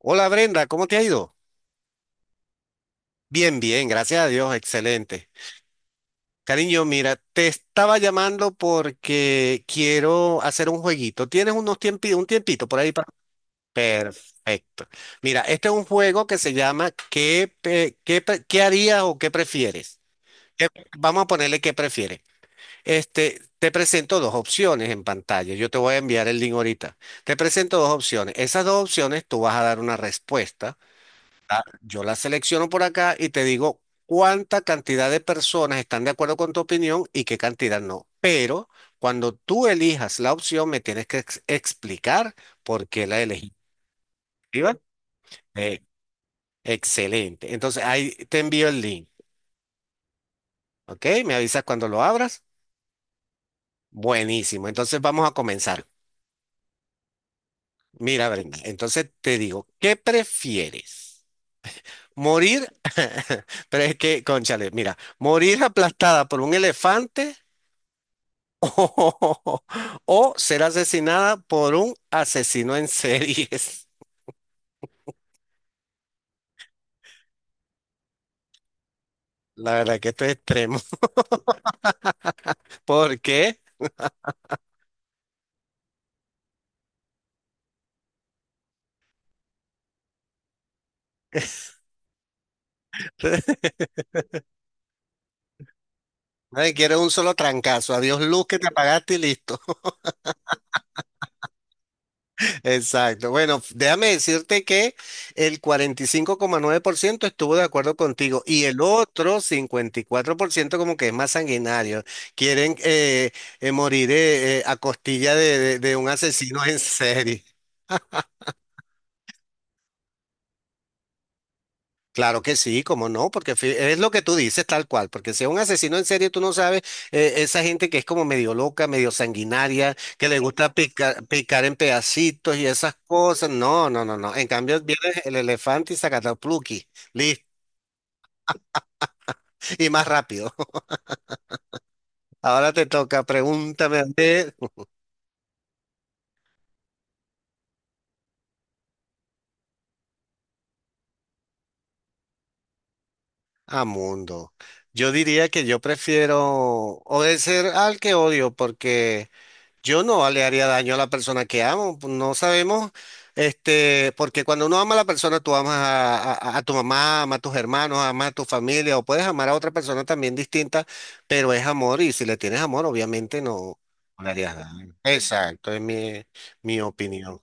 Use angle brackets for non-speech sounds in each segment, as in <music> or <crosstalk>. Hola Brenda, ¿cómo te ha ido? Bien, bien, gracias a Dios, excelente. Cariño, mira, te estaba llamando porque quiero hacer un jueguito. ¿Tienes un tiempito por ahí para... Perfecto. Mira, este es un juego que se llama: ¿qué harías o qué prefieres? ¿Qué- Vamos a ponerle "¿qué prefieres?". Este, te presento dos opciones en pantalla. Yo te voy a enviar el link ahorita. Te presento dos opciones. Esas dos opciones tú vas a dar una respuesta. Ah, yo la selecciono por acá y te digo cuánta cantidad de personas están de acuerdo con tu opinión y qué cantidad no. Pero cuando tú elijas la opción, me tienes que explicar por qué la elegí. ¿Iba? Eh, Excelente. Entonces ahí te envío el link. ¿Ok? Me avisas cuando lo abras. Buenísimo. Entonces vamos a comenzar. Mira, Brenda, entonces te digo, ¿qué prefieres? Morir, <laughs> pero es que, cónchale, mira, morir aplastada por un elefante, <laughs> o ser asesinada por un asesino en series. La verdad que esto es extremo. ¿Por qué? <laughs> Nadie quiere un solo trancazo. Adiós, luz, que te apagaste y listo. <laughs> Exacto. Bueno, déjame decirte que el 45,9% estuvo de acuerdo contigo y el otro 54% como que es más sanguinario. Quieren morir a costilla de un asesino en serie. Claro que sí, cómo no, porque es lo que tú dices, tal cual, porque si es un asesino en serie, tú no sabes, esa gente que es como medio loca, medio sanguinaria, que le gusta picar, picar en pedacitos y esas cosas. No, no, no, no, en cambio viene el elefante y sacatapluki, listo, <laughs> y más rápido. <laughs> Ahora te toca, pregúntame, a ver. ¡A mundo! Yo diría que yo prefiero obedecer al que odio, porque... Yo no le haría daño a la persona que amo. Pues, no sabemos, este, porque cuando uno ama a la persona, tú amas a, a tu mamá, amas a tus hermanos, amas a tu familia, o puedes amar a otra persona también distinta, pero es amor, y si le tienes amor, obviamente no, no le harías daño. Exacto, es mi, opinión.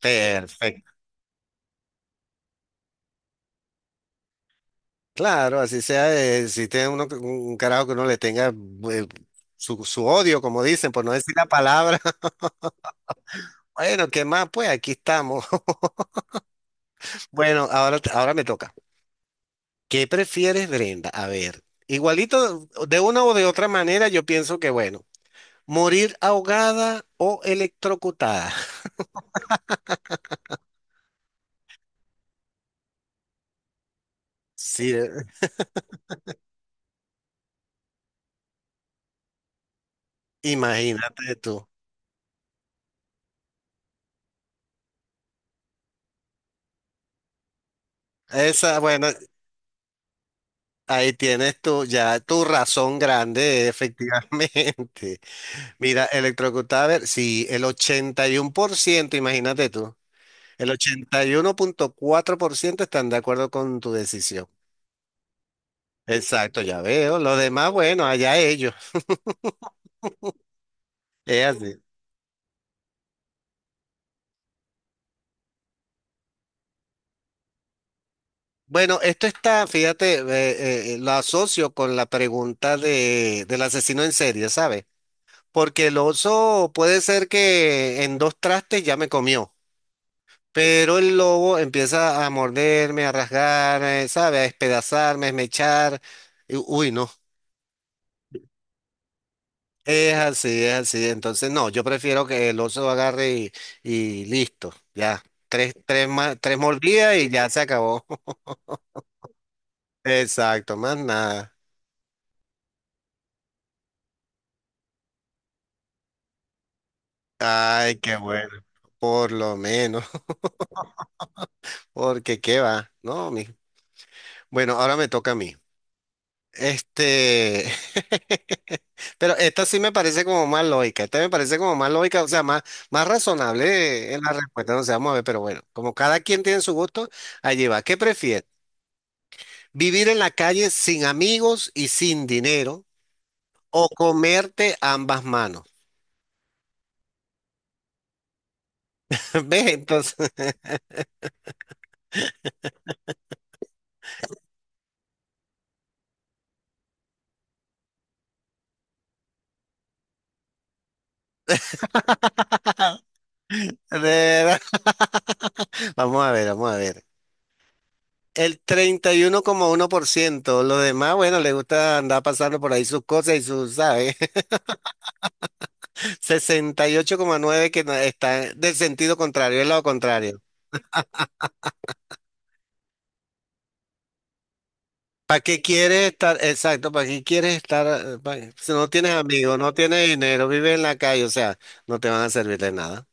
Perfecto. Claro, así sea, si tiene uno un carajo que uno le tenga, eh, su, odio, como dicen, por no decir la palabra. <laughs> Bueno, ¿qué más? Pues aquí estamos. <laughs> Bueno, ahora me toca. ¿Qué prefieres, Brenda? A ver, igualito, de una o de otra manera, yo pienso que, bueno, morir ahogada o electrocutada. <laughs> Sí, imagínate tú. Esa, bueno, ahí tienes tú ya tu razón grande, efectivamente. <laughs> Mira, electrocutada, a ver, sí, el 81%. Imagínate tú. El 81,4% están de acuerdo con tu decisión. Exacto, ya veo. Los demás, bueno, allá ellos. Es así. Bueno, esto está, fíjate, lo asocio con la pregunta del asesino en serie, ¿sabes? Porque el oso puede ser que en dos trastes ya me comió, pero el lobo empieza a morderme, a rasgar, ¿sabes?, a despedazarme, a esmechar. Uy, no. Es así, es así. Entonces, no, yo prefiero que el oso agarre y listo, ya. Tres mordidas y ya se acabó. <laughs> Exacto, más nada. Ay, qué bueno. Por lo menos, <laughs> porque qué va, ¿no? Bueno, ahora me toca a mí. Este, <laughs> pero esta sí me parece como más lógica, esta me parece como más lógica, o sea, más razonable en la respuesta, no sé, vamos a ver, pero bueno, como cada quien tiene su gusto, allí va. ¿Qué prefieres? ¿Vivir en la calle, sin amigos y sin dinero, o comerte ambas manos? <laughs> ¿Ves? Entonces, <laughs> de verdad, vamos a ver, vamos a ver. El treinta y uno coma uno por ciento. Los demás, bueno, les gusta andar pasando por ahí sus cosas y sus, ¿sabes? <laughs> 68,9 que no- está del sentido contrario, el lado contrario. ¿Para qué quieres estar? Exacto, ¿para qué quieres estar? Si no tienes amigos, no tienes dinero, vives en la calle, o sea, no te van a servir de nada.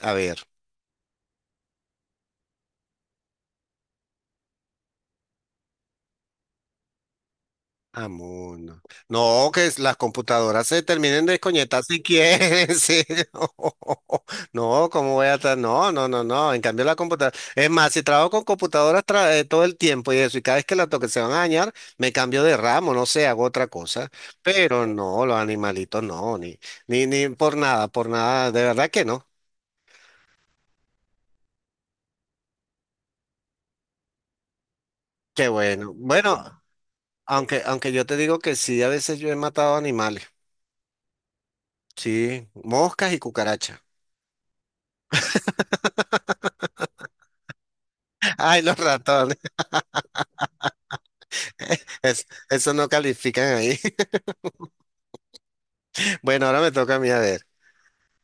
A ver. Amuno. No, que las computadoras se terminen de desconectar si quieren. <laughs> sí. No, ¿cómo voy a estar? No, no, no, no. En cambio, la computadora... Es más, si trabajo con computadoras todo el tiempo y eso, y cada vez que la toque se van a dañar, me cambio de ramo, no sé, hago otra cosa. Pero no, los animalitos no, ni, ni por nada, por nada. De verdad que no. Qué bueno. Bueno, aunque, yo te digo que sí, a veces yo he matado animales. Sí, moscas y cucarachas. <laughs> Ay, los ratones. <laughs> Eso no califican ahí. <laughs> Bueno, ahora me toca a mí, a ver.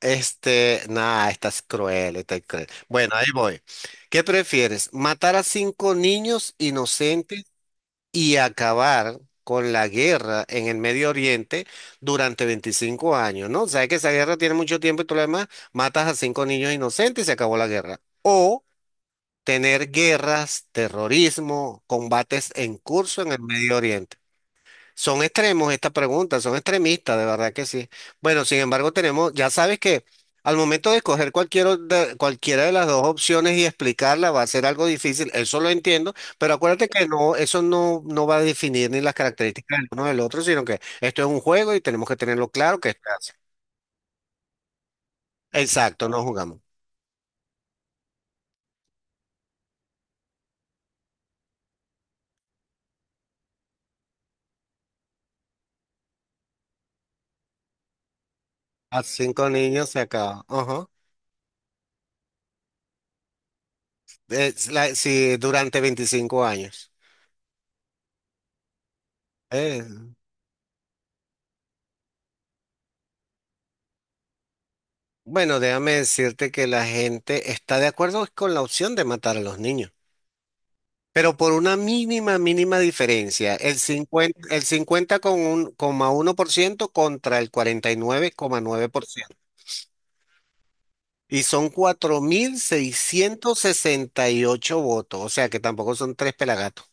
Este, nada, estás cruel, estás cruel. Bueno, ahí voy. ¿Qué prefieres? ¿Matar a cinco niños inocentes y acabar con la guerra en el Medio Oriente durante 25 años? ¿No? Sabes que esa guerra tiene mucho tiempo y todo lo demás. Matas a cinco niños inocentes y se acabó la guerra. O tener guerras, terrorismo, combates en curso en el Medio Oriente. Son extremos estas preguntas, son extremistas, de verdad que sí. Bueno, sin embargo, tenemos, ya sabes que al momento de escoger cualquiera de las dos opciones y explicarla va a ser algo difícil, eso lo entiendo, pero acuérdate que no, eso no, no va a definir ni las características del uno del otro, sino que esto es un juego y tenemos que tenerlo claro, que está. Exacto, no jugamos. A cinco niños se acaba. Ajá. Sí, durante 25 años. Eh, Bueno, déjame decirte que la gente está de acuerdo con la opción de matar a los niños, pero por una mínima, mínima diferencia: el cincuenta, coma uno por ciento, contra el cuarenta y nueve coma nueve por ciento, y son 4.668 votos, o sea que tampoco son tres pelagatos.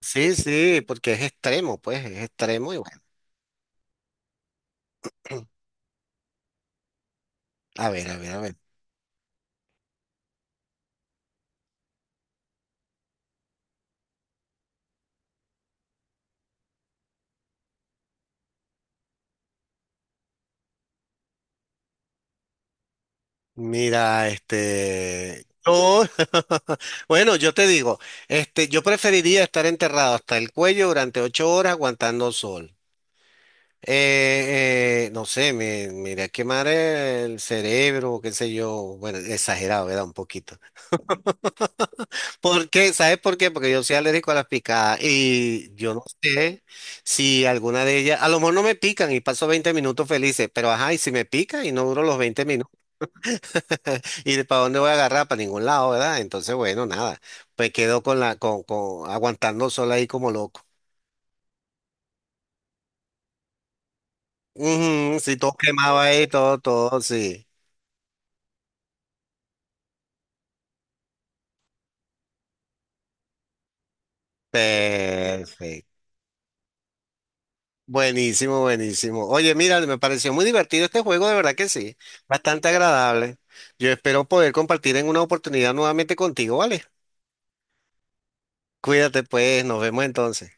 Sí, sí, porque es extremo, pues, es extremo y bueno, a ver, a ver, a ver. Mira, este, <laughs> bueno, yo te digo, este, yo preferiría estar enterrado hasta el cuello durante 8 horas aguantando sol. No sé, me iría a quemar el cerebro, qué sé yo, bueno, exagerado, ¿verdad? Un poquito. Porque, ¿sabes por qué? Porque yo soy alérgico a las picadas y yo no sé si alguna de ellas, a lo mejor no me pican y paso 20 minutos felices, pero ajá, ¿y si me pica y no duro los 20 minutos? <laughs> ¿Y para dónde voy a agarrar? Para ningún lado, ¿verdad? Entonces, bueno, nada. Pues quedó con la, aguantando sol ahí como loco. Ujú, sí, todo quemaba ahí, todo, todo, sí. Perfecto. Buenísimo, buenísimo. Oye, mira, me pareció muy divertido este juego, de verdad que sí. Bastante agradable. Yo espero poder compartir en una oportunidad nuevamente contigo, ¿vale? Cuídate, pues. Nos vemos entonces.